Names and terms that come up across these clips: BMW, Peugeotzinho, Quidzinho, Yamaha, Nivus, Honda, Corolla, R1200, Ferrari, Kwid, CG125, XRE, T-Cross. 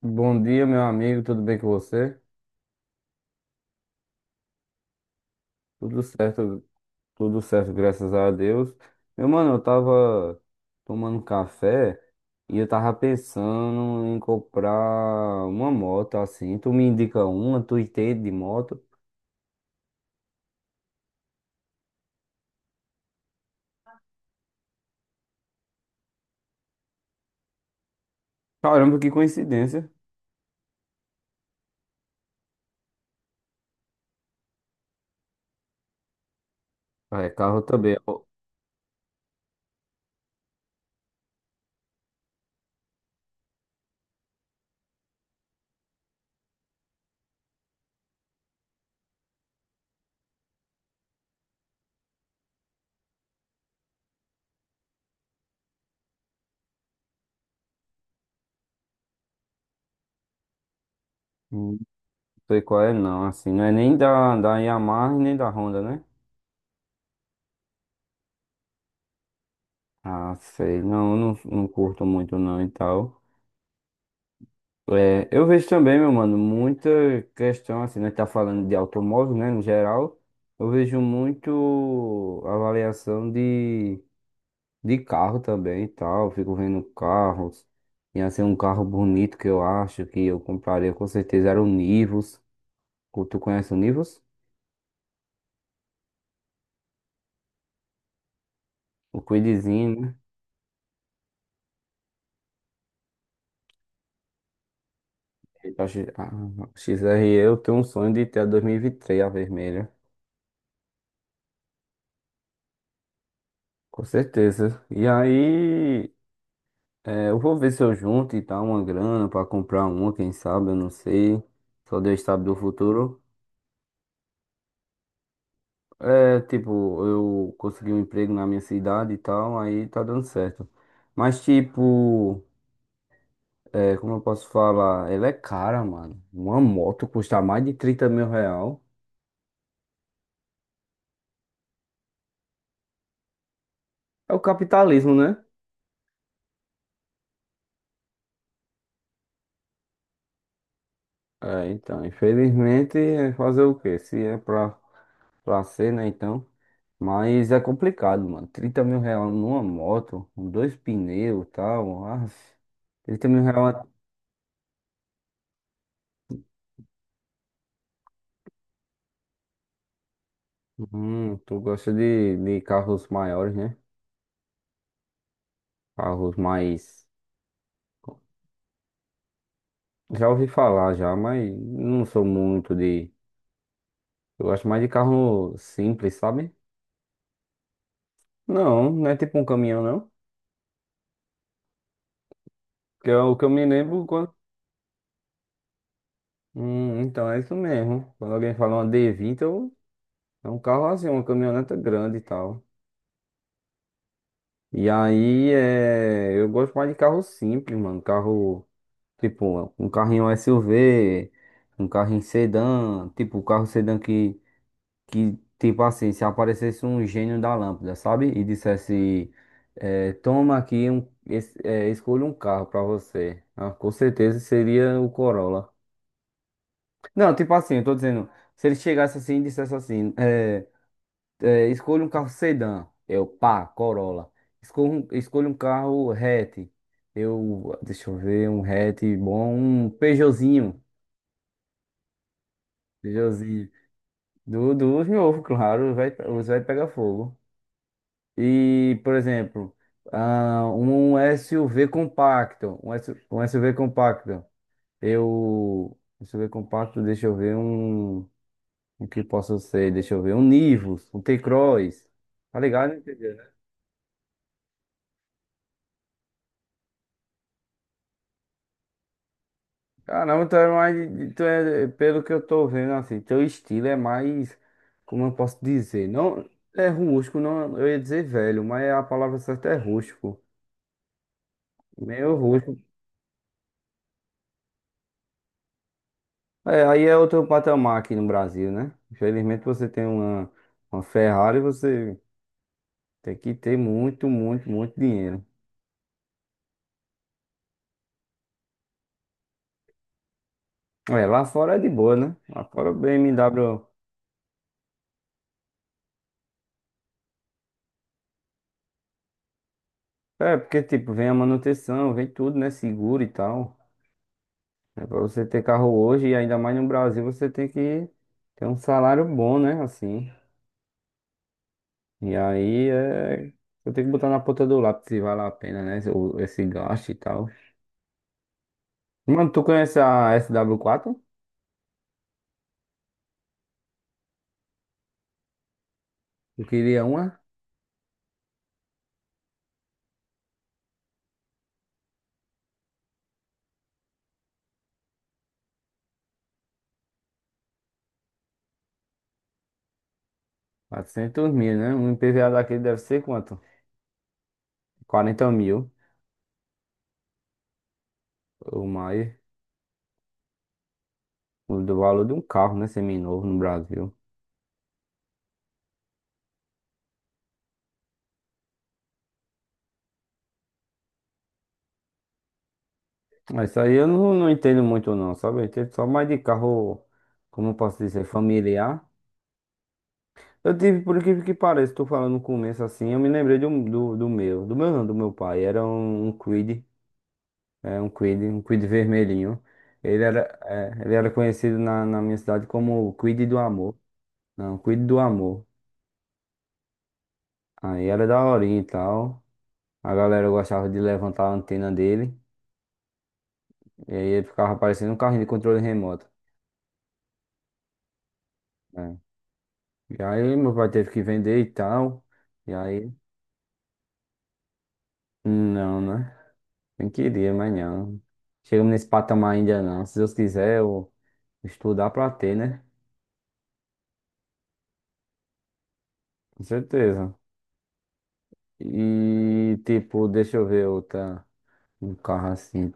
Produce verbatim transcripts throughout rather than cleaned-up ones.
Bom dia, meu amigo, tudo bem com você? Tudo certo, tudo certo, graças a Deus. Meu mano, eu tava tomando café e eu tava pensando em comprar uma moto assim. Tu me indica uma, tu entende de moto? Caramba, que coincidência. Ah, é, carro também. Eu... Não sei qual é, não, assim, não é nem da, da Yamaha e nem da Honda, né? Ah, sei, não, eu não, não curto muito não e tal. É, eu vejo também, meu mano, muita questão, assim, né? Tá falando de automóvel, né, no geral. Eu vejo muito avaliação de, de carro também e tal. Eu fico vendo carros. E assim, um carro bonito que eu acho que eu compraria com certeza era o Nivus. Tu tu conhece o Nivus? O Quidzinho, né? A X- a X R E, eu tenho um sonho de ter a dois mil e vinte e três a vermelha. Com certeza. E aí. É, eu vou ver se eu junto e tal uma grana pra comprar uma, quem sabe, eu não sei. Só Deus sabe do futuro. É, tipo, eu consegui um emprego na minha cidade e tal, aí tá dando certo. Mas, tipo, é, como eu posso falar? Ela é cara, mano. Uma moto custa mais de trinta mil real. É o capitalismo, né? É, então, infelizmente, é fazer o quê? Se é pra, pra ser, né, então. Mas é complicado, mano. Trinta mil reais numa moto, com dois pneus e tal. Ah, trinta mil reais. Hum, tu gosta de, de carros maiores, né? Carros mais... Já ouvi falar já, mas não sou muito de... Eu gosto mais de carro simples, sabe? Não, não é tipo um caminhão, não. Que é o que eu me lembro quando... Hum, então é isso mesmo. Quando alguém fala uma d vinte eu... É um carro assim, uma caminhoneta grande e tal. E aí, é, eu gosto mais de carro simples, mano. Carro, tipo, um carrinho S U V, um carrinho sedã, tipo, o carro sedã que, que, tipo assim, se aparecesse um gênio da lâmpada, sabe? E dissesse, é, toma aqui, um, es- é, escolha um carro pra você. Ah, com certeza seria o Corolla. Não, tipo assim, eu tô dizendo, se ele chegasse assim e dissesse assim, é, é, escolha um carro sedã. Eu, pá, Corolla. Escolha um, escolha um carro hatch. Eu, deixa eu ver, um hatch bom, um Peugeotzinho. Peugeotzinho. Do, dos novos, claro, vai, os vai pegar fogo. E, por exemplo, ah, um S U V compacto. Um, SU, um SUV compacto. Eu, S U V compacto, deixa eu ver um. O que posso ser? Deixa eu ver. Um Nivus, um T-Cross. Tá ligado? Caramba, tu é mais. Tu é, é pelo que eu tô vendo, assim, teu estilo é mais... Como eu posso dizer? Não é rústico, não, eu ia dizer velho, mas a palavra certa é rústico. Meio rústico. É, aí é outro patamar aqui no Brasil, né? Infelizmente você tem uma, uma Ferrari, você tem que ter muito, muito, muito dinheiro. É, lá fora é de boa, né? Lá fora o B M W. É, porque tipo, vem a manutenção, vem tudo, né? Seguro e tal. É para você ter carro hoje, e ainda mais no Brasil, você tem que ter um salário bom, né? Assim. E aí é... Eu tenho que botar na ponta do lápis se vale a pena, né? Esse, o- esse gasto e tal. Mano, tu conhece a SW quatro? Eu queria uma... Quatrocentos mil, né? Um I P V A daquele deve ser quanto? Quarenta mil ou mais. O do valor de um carro, né? Seminovo no Brasil. Mas isso aí eu não, não entendo muito, não, sabe? Eu entendo só mais de carro, como eu posso dizer, familiar. Eu tive, por incrível que pareça, tô falando no começo assim, eu me lembrei de um- do, do, meu, do meu não, do meu pai, era um, um Kwid, é, um Kwid, um Kwid vermelhinho. Ele era, é, ele era conhecido na, na minha cidade como o Kwid do Amor, não, Kwid do Amor. Aí era daorinha e tal, a galera gostava de levantar a antena dele, e aí ele ficava parecendo um carrinho de controle remoto. Né? E aí meu pai teve que vender e tal, e aí, não, né? Nem queria, mas não. Chegamos nesse patamar ainda não. Se Deus quiser, eu estudar pra ter, né? Com certeza. E, tipo, deixa eu ver outra. Um carro assim.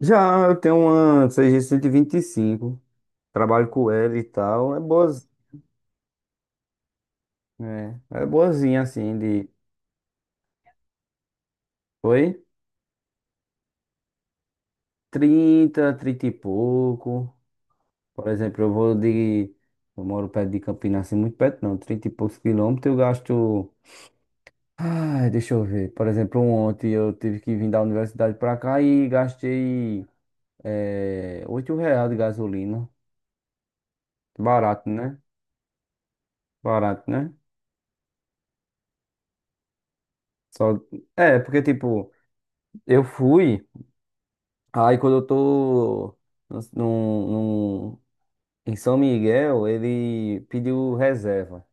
Já eu tenho uma C G cento e vinte e cinco. Trabalho com ela e tal. É boa. É, é boazinha assim de... Oi? Trinta, trinta e pouco. Por exemplo, eu vou de... Eu moro perto de Campinas, assim, muito perto não. Trinta e poucos quilômetros, eu gasto. Ah, deixa eu ver. Por exemplo, ontem eu tive que vir da universidade pra cá e gastei eh, oito reais de gasolina. Barato, né? Barato, né? Só... É, porque tipo, eu fui, aí quando eu tô num, num, em São Miguel, ele pediu reserva.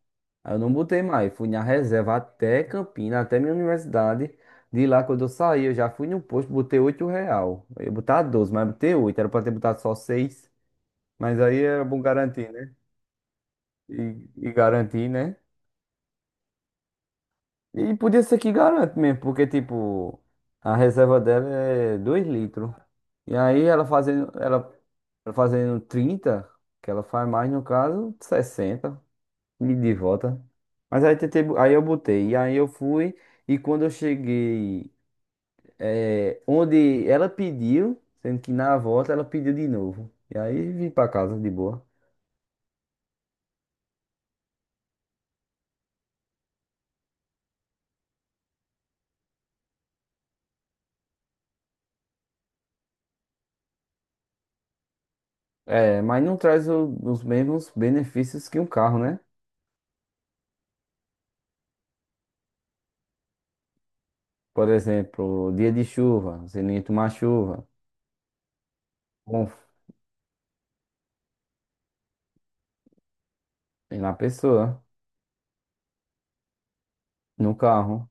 Aí eu não botei mais, fui na reserva até Campinas, até minha universidade. De lá, quando eu saí, eu já fui no posto, botei oito real. Eu ia botar doze, mas botei oito. Era pra ter botado só seis. Mas aí era bom garantir, né? E, e garantir, né? E podia ser que garante mesmo, porque, tipo, a reserva dela é dois litros. E aí ela fazendo, ela, ela fazendo trinta, que ela faz mais, no caso, sessenta. Me de volta. Mas aí tentei, bo- aí eu botei. E aí eu fui. E quando eu cheguei, eh, onde ela pediu, sendo que na volta ela pediu de novo. E aí vim pra casa de boa. É, mas não traz o- os mesmos benefícios que um carro, né? Por exemplo, dia de chuva, você nem tomar chuva. Confio na pessoa, no carro.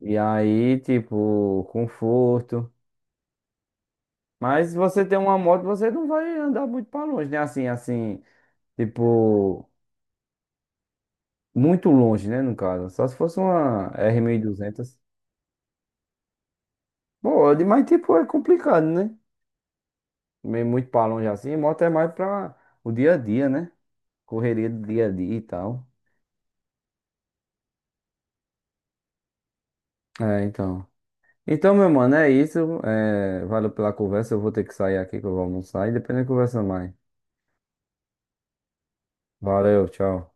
E aí, tipo, conforto. Mas se você tem uma moto, você não vai andar muito pra longe, né? Assim, assim. Tipo. Muito longe, né, no caso. Só se fosse uma R mil e duzentos. Mil e duzentos. Pode, mas tipo, é complicado, né? Meio muito pra longe assim. Moto é mais pra o dia a dia, né? Correria do dia a dia e tal. É, então. Então, meu mano, é isso. É, valeu pela conversa. Eu vou ter que sair aqui que eu vou almoçar e depois a gente conversa mais. Valeu, tchau.